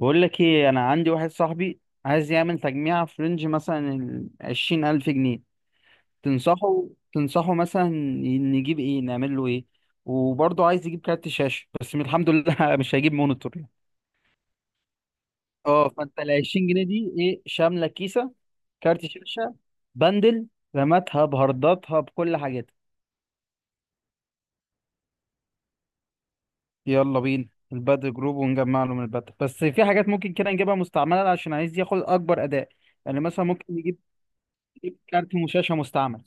بقول لك ايه، انا عندي واحد صاحبي عايز يعمل تجميع في رينج مثلا ال عشرين الف جنيه. تنصحه تنصحه مثلا، نجيب ايه، نعمل له ايه؟ وبرضه عايز يجيب كارت شاشة، بس الحمد لله مش هيجيب مونيتور يعني. اه، فانت ال 20 جنيه دي ايه، شاملة كيسة، كارت شاشة، بندل، رماتها بهارداتها بكل حاجاتها. يلا بينا. البدر جروب، ونجمع له من البدر، بس في حاجات ممكن كده نجيبها مستعملة عشان عايز ياخد اكبر اداء. يعني مثلا ممكن نجيب كارت شاشة مستعمل.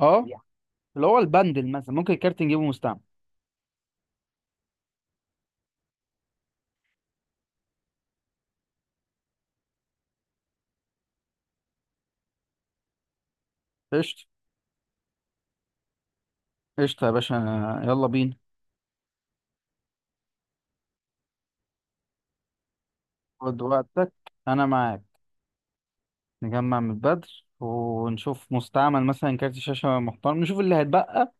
اه، اللي هو البندل مثلا ممكن الكارت نجيبه مستعمل. قشطة. قشطة يا باشا. يلا بينا. خد وقتك، أنا معاك. نجمع من البدر ونشوف مستعمل مثلا كارت شاشة محترم، نشوف اللي هيتبقى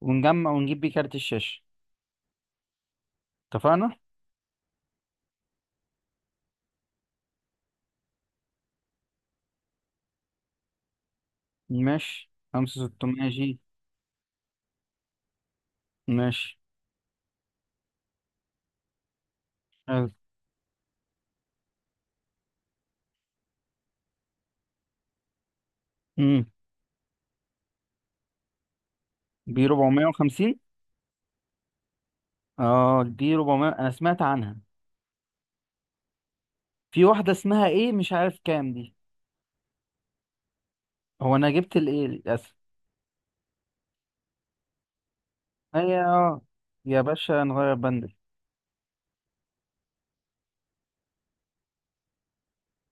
ونجمع ونجيب بيه كارت الشاشة. اتفقنا؟ ماشي، خمسة ستمية جي. ماشي. حلو. أمم بي ربعمية وخمسين. اه دي ربعمية أنا سمعت عنها. في واحدة اسمها ايه مش عارف كام دي. هو أنا جبت الايه للأسف. هي اه، يا باشا نغير بند.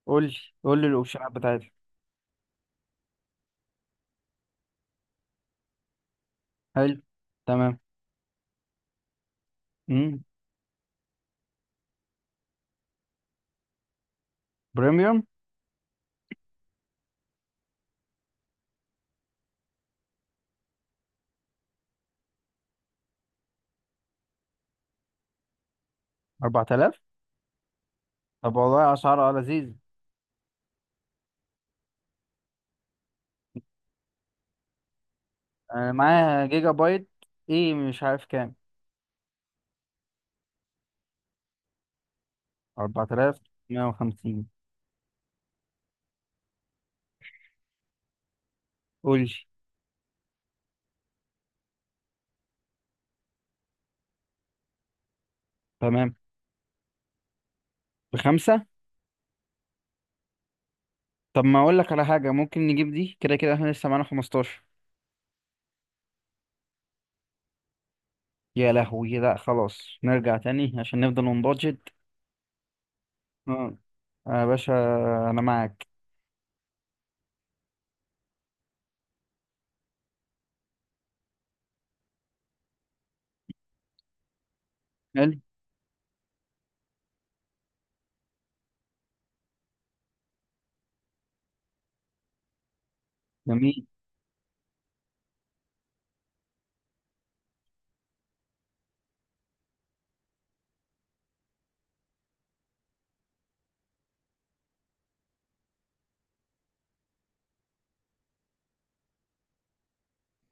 قول لي، قول لي الاوبشنات بتاعتها. حلو. تمام. امم بريميوم. 4000. طب والله اسعار اه لذيذ. انا معايا جيجا بايت، ايه مش عارف كام. 4150. قول لي. تمام. بخمسة. طب ما اقول لك على حاجة، ممكن نجيب دي كده كده احنا لسه معانا 15. يا لهوي، لا خلاص نرجع تاني عشان نفضل نبادجت. اه، يا باشا، انا معاك. حلو. جميل.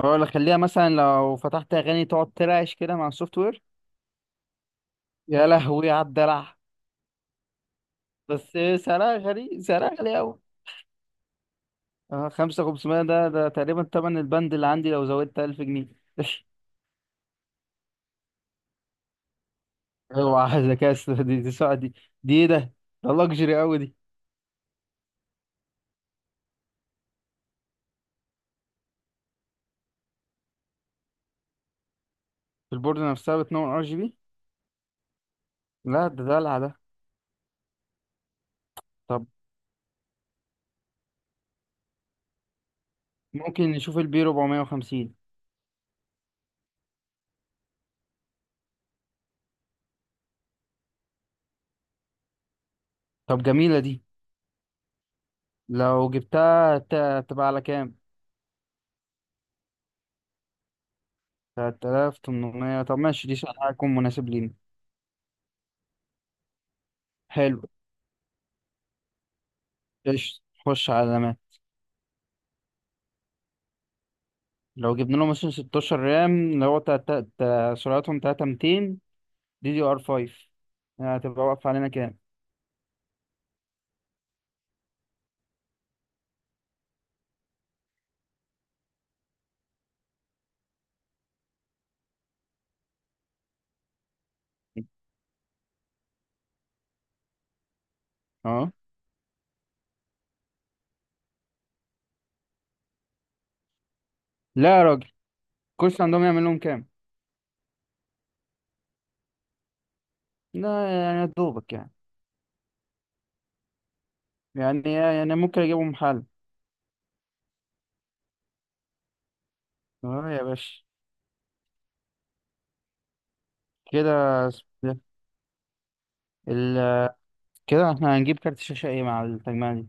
اه لا، خليها مثلا لو فتحت اغاني تقعد ترعش كده مع السوفت وير. يا لهوي على الدلع. بس، سعرها غالي، سعرها غالي أوي. اه خمسة خمسمية، ده تقريبا تمن البند اللي عندي لو زودت ألف جنيه. اوعى ذكاء اصطناعي دي ساعة دي. دي ايه ده؟ ده لكجري أوي دي. البورد نفسها بتنور ار جي بي. لا، ده دلع ده. طب ممكن نشوف البي 450. طب، جميلة دي. لو جبتها تبقى على كام؟ 3800. طب ماشي، دي سعرها هيكون مناسب لينا. حلو. قشطة. خش على الأمان. لو جبنا له مثلا 16 رام اللي هو سرعتهم 3200، دي دي ار 5، هتبقى واقفة علينا كام. اه. لا يا راجل. كورس عندهم يعمل لهم كام. لا يعني، يا دوبك يعني. يعني ممكن اجيبهم حل. اه يا باشا. كده اسمه ده. ال... كده احنا هنجيب كارت شاشة ايه مع التجميع دي.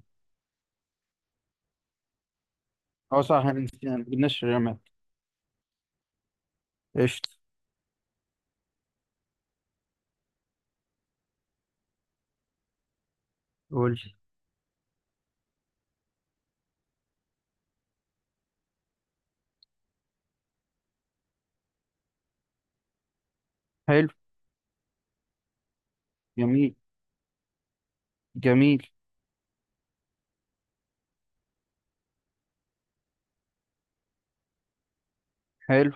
اه صح، احنا نسينا، ما جبناش الرامات. قشطة. قول. حلو. جميل. جميل. حلو.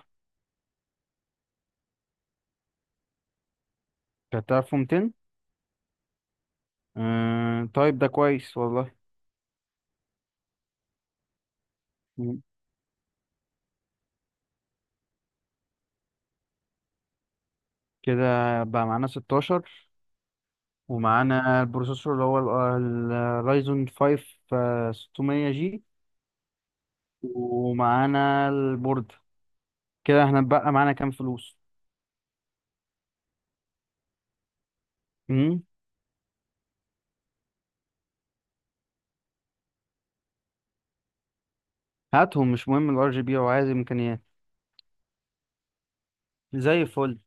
كانت 1200. طيب ده كويس والله. مم. كده بقى معانا 16. ومعانا البروسيسور اللي هو ال- الرايزون 5 600 جي. ومعانا البورد. كده احنا بقى معانا كام فلوس. امم هاتهم، مش مهم الار جي بي، هو عايز امكانيات. زي الفل.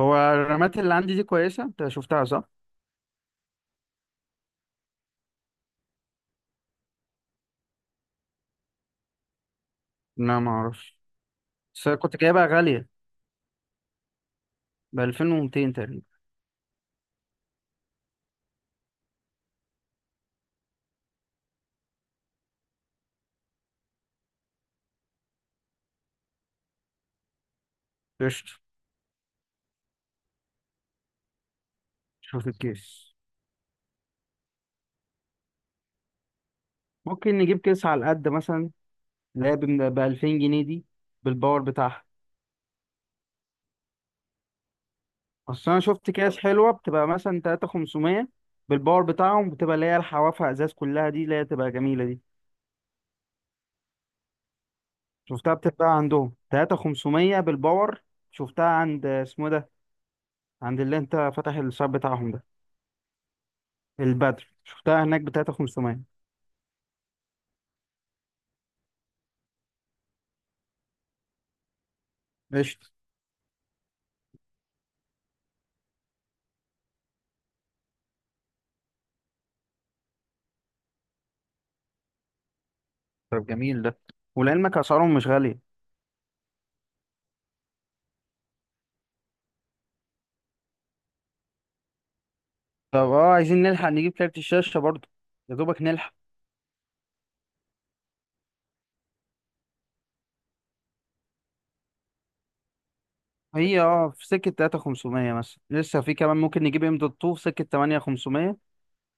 هو الرامات اللي عندي دي كويسه، انت شفتها صح؟ لا، ما اعرفش. بس أنا كنت جايبها غاليه، ب 2200 تقريبا. قشطه. شوف الكيس. ممكن نجيب كيس على قد مثلا، اللي هي ب 2000 جنيه دي، بالباور بتاعها. اصل انا شفت اكياس حلوه بتبقى مثلا 3500 بالباور بتاعهم، بتبقى اللي هي الحوافه ازاز كلها، دي اللي هي تبقى جميله دي. شفتها بتتباع عندهم 3500 بالباور. شفتها عند اسمه إيه ده، عند اللي انت فاتح الشاب بتاعهم ده، البدر. شفتها هناك ب 3500. قشطة. طب جميل ده، ولعلمك اسعارهم مش غاليه. طب اه، عايزين نلحق نجيب كارت الشاشه برضه، يا دوبك نلحق. هي اه في سكه 3500 مثلا، لسه في كمان ممكن نجيب ام دوت 2 في سكه 8500،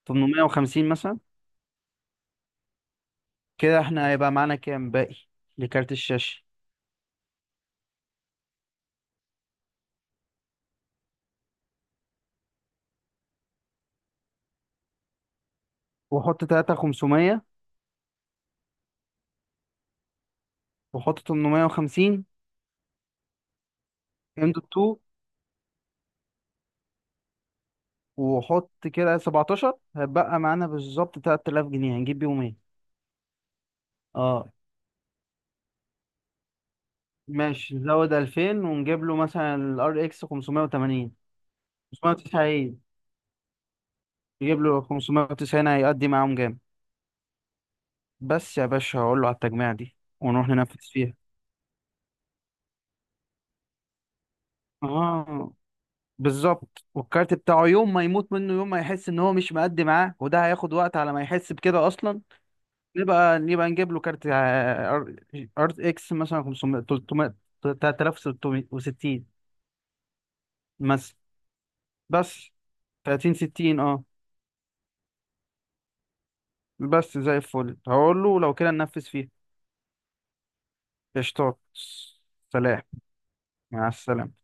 850 مثلا. كده احنا هيبقى معانا كام باقي لكارت الشاشة. وحط تلاتة خمسمية. وحط تمنمية وخمسين، ام دوت تو. وحط كده سبعتاشر، هيبقى معانا بالظبط تلات آلاف جنيه. هنجيب بيهم ايه؟ اه ماشي، نزود ألفين ونجيب له مثلا الار اكس خمسمية وتمانين، خمسمية وتسعين. نجيب له خمسمية وتسعين هيقضي معاهم جامد. بس يا باشا، هقول له على التجميع دي ونروح ننفذ فيها. اه بالظبط، والكارت بتاعه يوم ما يموت منه، يوم ما يحس ان هو مش مأدي معاه، وده هياخد وقت على ما يحس بكده اصلا. نبقى نجيب له كارت ار اكس مثلا 500 300 3660 مثلا. بس 30 60 اه. بس زي الفل. هقول له لو كده ننفذ فيه. قشطات. سلام. مع السلامة.